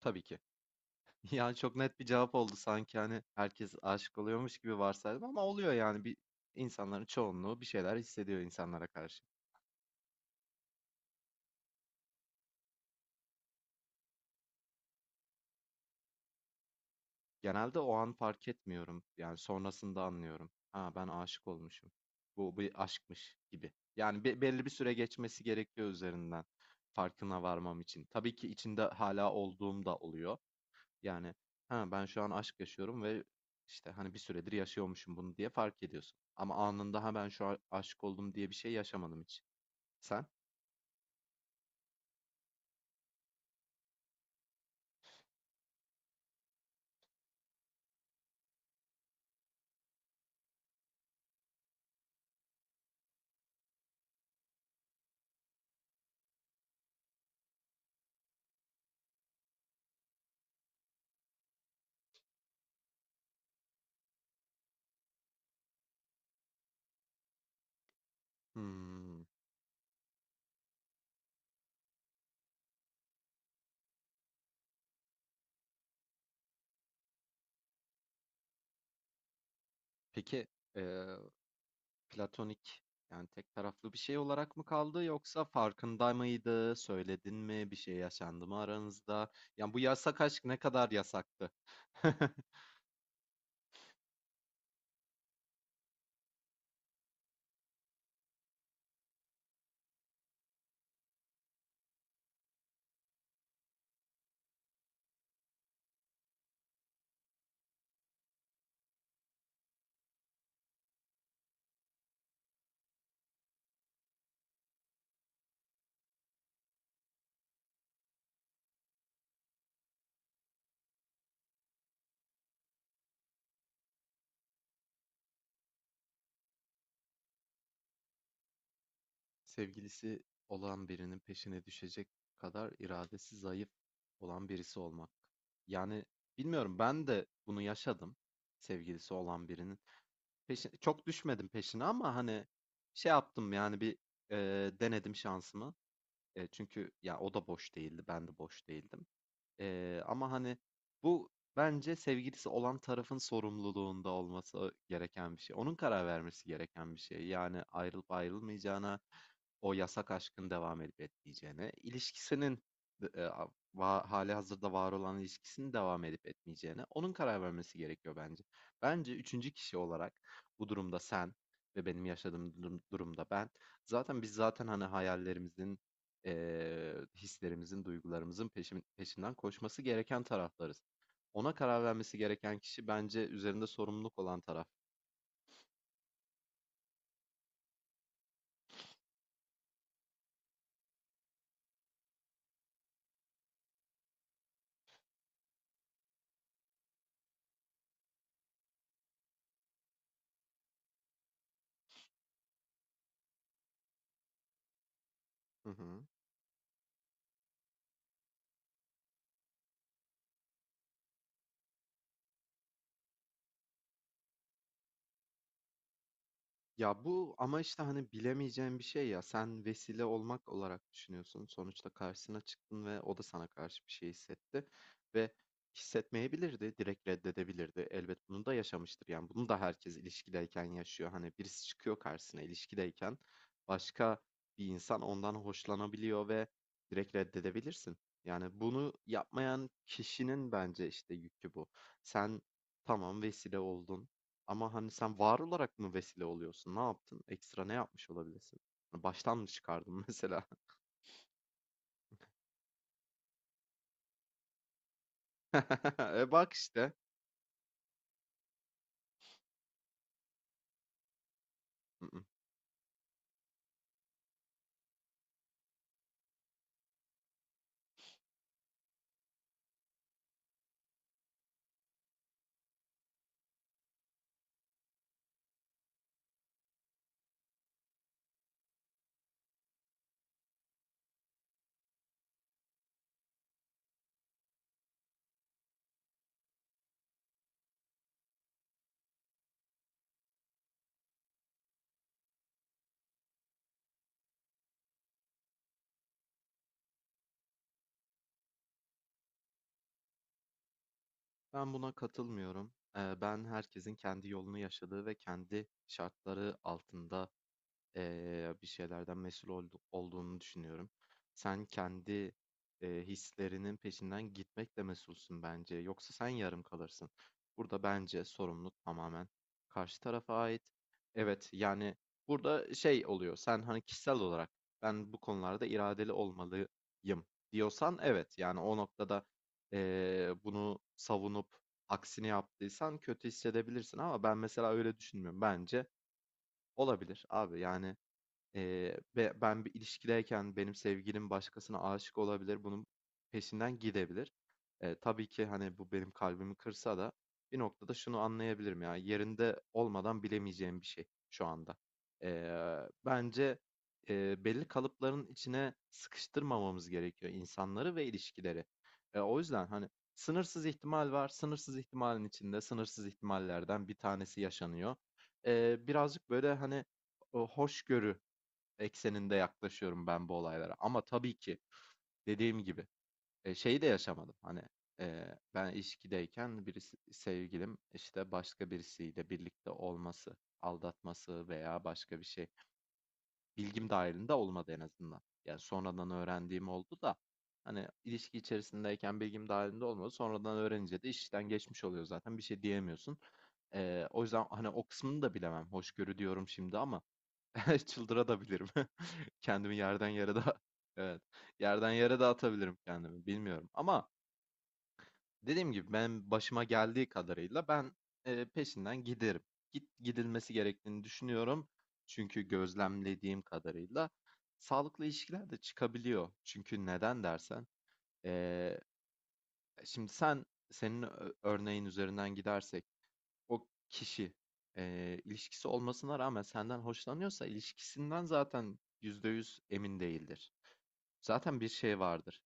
Tabii ki. Yani çok net bir cevap oldu sanki, hani, herkes aşık oluyormuş gibi varsaydım ama oluyor yani insanların çoğunluğu bir şeyler hissediyor insanlara karşı. Genelde o an fark etmiyorum. Yani sonrasında anlıyorum. Ha, ben aşık olmuşum. Bu bir aşkmış gibi. Yani belli bir süre geçmesi gerekiyor üzerinden farkına varmam için. Tabii ki içinde hala olduğum da oluyor. Yani, ha, ben şu an aşk yaşıyorum ve, işte, hani, bir süredir yaşıyormuşum bunu diye fark ediyorsun. Ama anında, ha, ben şu an aşık oldum diye bir şey yaşamadım hiç. Sen? Hımm. Peki, eee, platonik, yani, tek taraflı bir şey olarak mı kaldı yoksa farkında mıydı? Söyledin mi? Bir şey yaşandı mı aranızda? Yani, bu yasak aşk ne kadar yasaktı? Sevgilisi olan birinin peşine düşecek kadar iradesi zayıf olan birisi olmak. Yani, bilmiyorum, ben de bunu yaşadım. Sevgilisi olan birinin peşine çok düşmedim, peşine ama, hani, şey yaptım yani e, denedim şansımı. E, çünkü ya o da boş değildi, ben de boş değildim. Ama, hani, bu bence sevgilisi olan tarafın sorumluluğunda olması gereken bir şey. Onun karar vermesi gereken bir şey. Yani, ayrılıp ayrılmayacağına, o yasak aşkın devam edip etmeyeceğine, ilişkisinin d a va hâlihazırda var olan ilişkisinin devam edip etmeyeceğine onun karar vermesi gerekiyor bence. Bence üçüncü kişi olarak bu durumda sen, ve benim yaşadığım durumda ben, zaten biz zaten, hani, hayallerimizin, hislerimizin, duygularımızın peşinden koşması gereken taraflarız. Ona karar vermesi gereken kişi bence üzerinde sorumluluk olan taraf. Hı hı. Ya bu ama, işte, hani, bilemeyeceğin bir şey ya. Sen vesile olmak olarak düşünüyorsun. Sonuçta karşısına çıktın ve o da sana karşı bir şey hissetti. Ve hissetmeyebilirdi, direkt reddedebilirdi. Elbet bunu da yaşamıştır. Yani bunu da herkes ilişkideyken yaşıyor. Hani birisi çıkıyor karşısına ilişkideyken, başka bir insan ondan hoşlanabiliyor ve direkt reddedebilirsin. Yani bunu yapmayan kişinin bence, işte, yükü bu. Sen, tamam, vesile oldun. Ama hani sen var olarak mı vesile oluyorsun? Ne yaptın? Ekstra ne yapmış olabilirsin? Hani, baştan mı çıkardın mesela? E bak işte. Mm, mm. Ben buna katılmıyorum. Ben herkesin kendi yolunu yaşadığı ve kendi şartları altında, bir şeylerden mesul olduğunu düşünüyorum. Sen kendi hislerinin peşinden gitmekle mesulsün bence. Yoksa sen yarım kalırsın. Burada bence sorumluluk tamamen karşı tarafa ait. Evet, yani burada şey oluyor. Sen, hani, kişisel olarak ben bu konularda iradeli olmalıyım diyorsan, evet. Yani o noktada bunu savunup aksini yaptıysan kötü hissedebilirsin ama ben mesela öyle düşünmüyorum. Bence olabilir abi, yani. Ve ben bir ilişkideyken benim sevgilim başkasına aşık olabilir, bunun peşinden gidebilir. Tabii ki, hani, bu benim kalbimi kırsa da bir noktada şunu anlayabilirim ya, yerinde olmadan bilemeyeceğim bir şey şu anda. Bence, belli kalıpların içine sıkıştırmamamız gerekiyor insanları ve ilişkileri. O yüzden, hani, sınırsız ihtimal var, sınırsız ihtimalin içinde sınırsız ihtimallerden bir tanesi yaşanıyor. Birazcık böyle, hani, o hoşgörü ekseninde yaklaşıyorum ben bu olaylara. Ama tabii ki, dediğim gibi, şeyi de yaşamadım. Hani, e, ben ilişkideyken birisi sevgilim, işte, başka birisiyle birlikte olması, aldatması veya başka bir şey, bilgim dahilinde olmadı en azından. Yani sonradan öğrendiğim oldu da hani ilişki içerisindeyken bilgim dahilinde olmadı. Sonradan öğrenince de işten geçmiş oluyor zaten, bir şey diyemiyorsun. E, o yüzden, hani, o kısmını da bilemem. Hoşgörü diyorum şimdi ama çıldıra da bilirim. Kendimi yerden yere daha Evet, yerden yere dağıtabilirim kendimi, bilmiyorum. Ama dediğim gibi, ben başıma geldiği kadarıyla ben, peşinden giderim. Gidilmesi gerektiğini düşünüyorum. Çünkü gözlemlediğim kadarıyla sağlıklı ilişkiler de çıkabiliyor. Çünkü neden dersen, eee, şimdi, senin örneğin üzerinden gidersek, o kişi, ilişkisi olmasına rağmen senden hoşlanıyorsa ilişkisinden zaten %100 emin değildir. Zaten bir şey vardır.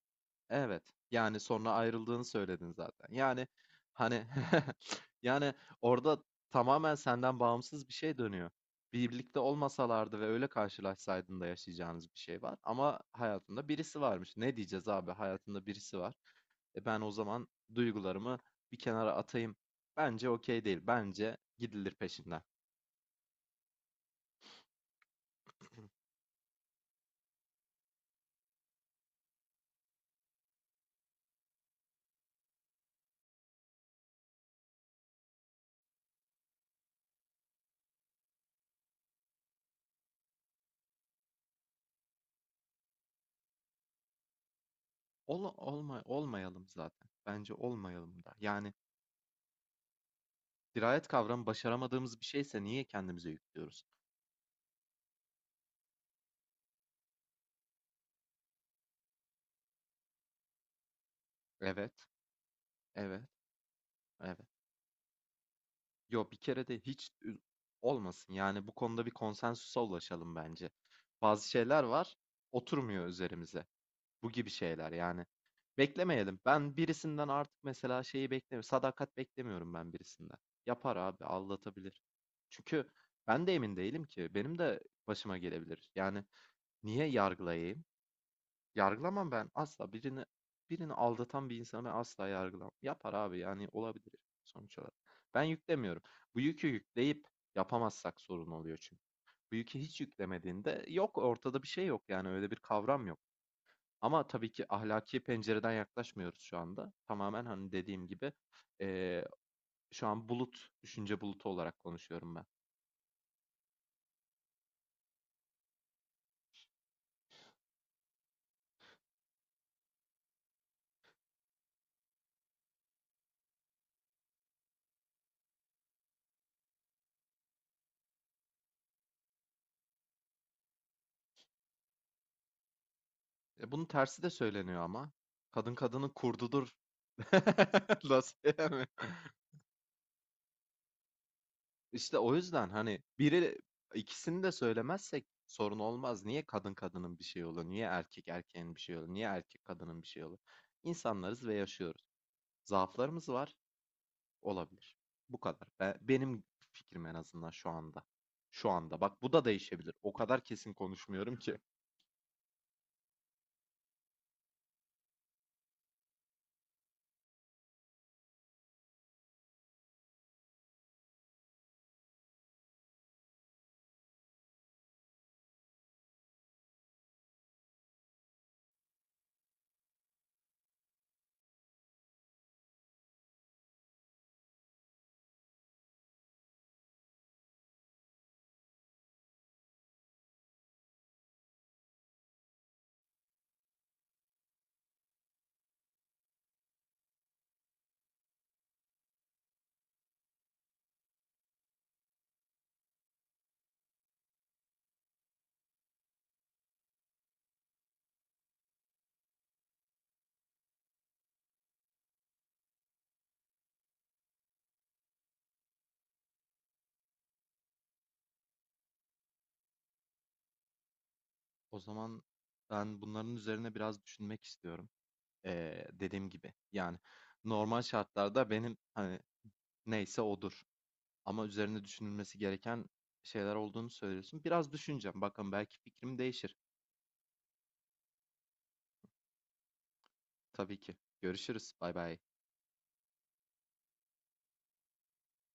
Evet. Yani sonra ayrıldığını söyledin zaten. Yani, hani, yani orada tamamen senden bağımsız bir şey dönüyor. Birlikte olmasalardı ve öyle karşılaşsaydın da yaşayacağınız bir şey var. Ama hayatında birisi varmış. Ne diyeceğiz abi? Hayatında birisi var. E ben o zaman duygularımı bir kenara atayım. Bence okey değil. Bence gidilir peşinden. Olmayalım zaten. Bence olmayalım da. Yani dirayet kavramı başaramadığımız bir şeyse niye kendimize yüklüyoruz? Evet, evet, evet. Yo, bir kere de hiç olmasın. Yani bu konuda bir konsensüse ulaşalım bence. Bazı şeyler var, oturmuyor üzerimize. Bu gibi şeyler yani. Beklemeyelim. Ben birisinden artık mesela şeyi beklemiyorum. Sadakat beklemiyorum ben birisinden. Yapar abi, aldatabilir. Çünkü ben de emin değilim ki. Benim de başıma gelebilir. Yani niye yargılayayım? Yargılamam ben asla. Birini aldatan bir insanı ben asla yargılamam. Yapar abi, yani olabilir sonuç olarak. Ben yüklemiyorum. Bu yükü yükleyip yapamazsak sorun oluyor çünkü. Bu yükü hiç yüklemediğinde yok, ortada bir şey yok, yani öyle bir kavram yok. Ama tabii ki ahlaki pencereden yaklaşmıyoruz şu anda. Tamamen, hani, dediğim gibi eee, şu an bulut, düşünce bulutu olarak konuşuyorum ben. E, bunun tersi de söyleniyor ama. Kadın kadının kurdudur. Nasıl yani? İşte o yüzden, hani, biri ikisini de söylemezsek sorun olmaz. Niye kadın kadının bir şey olur? Niye erkek erkeğin bir şey olur? Niye erkek kadının bir şey olur? İnsanlarız ve yaşıyoruz. Zaaflarımız var, olabilir. Bu kadar. Benim fikrim, en azından şu anda. Şu anda. Bak, bu da değişebilir. O kadar kesin konuşmuyorum ki. O zaman ben bunların üzerine biraz düşünmek istiyorum. Dediğim gibi, yani normal şartlarda benim, hani, neyse odur. Ama üzerine düşünülmesi gereken şeyler olduğunu söylüyorsun. Biraz düşüneceğim. Bakalım, belki fikrim değişir. Tabii ki. Görüşürüz. Bay bay.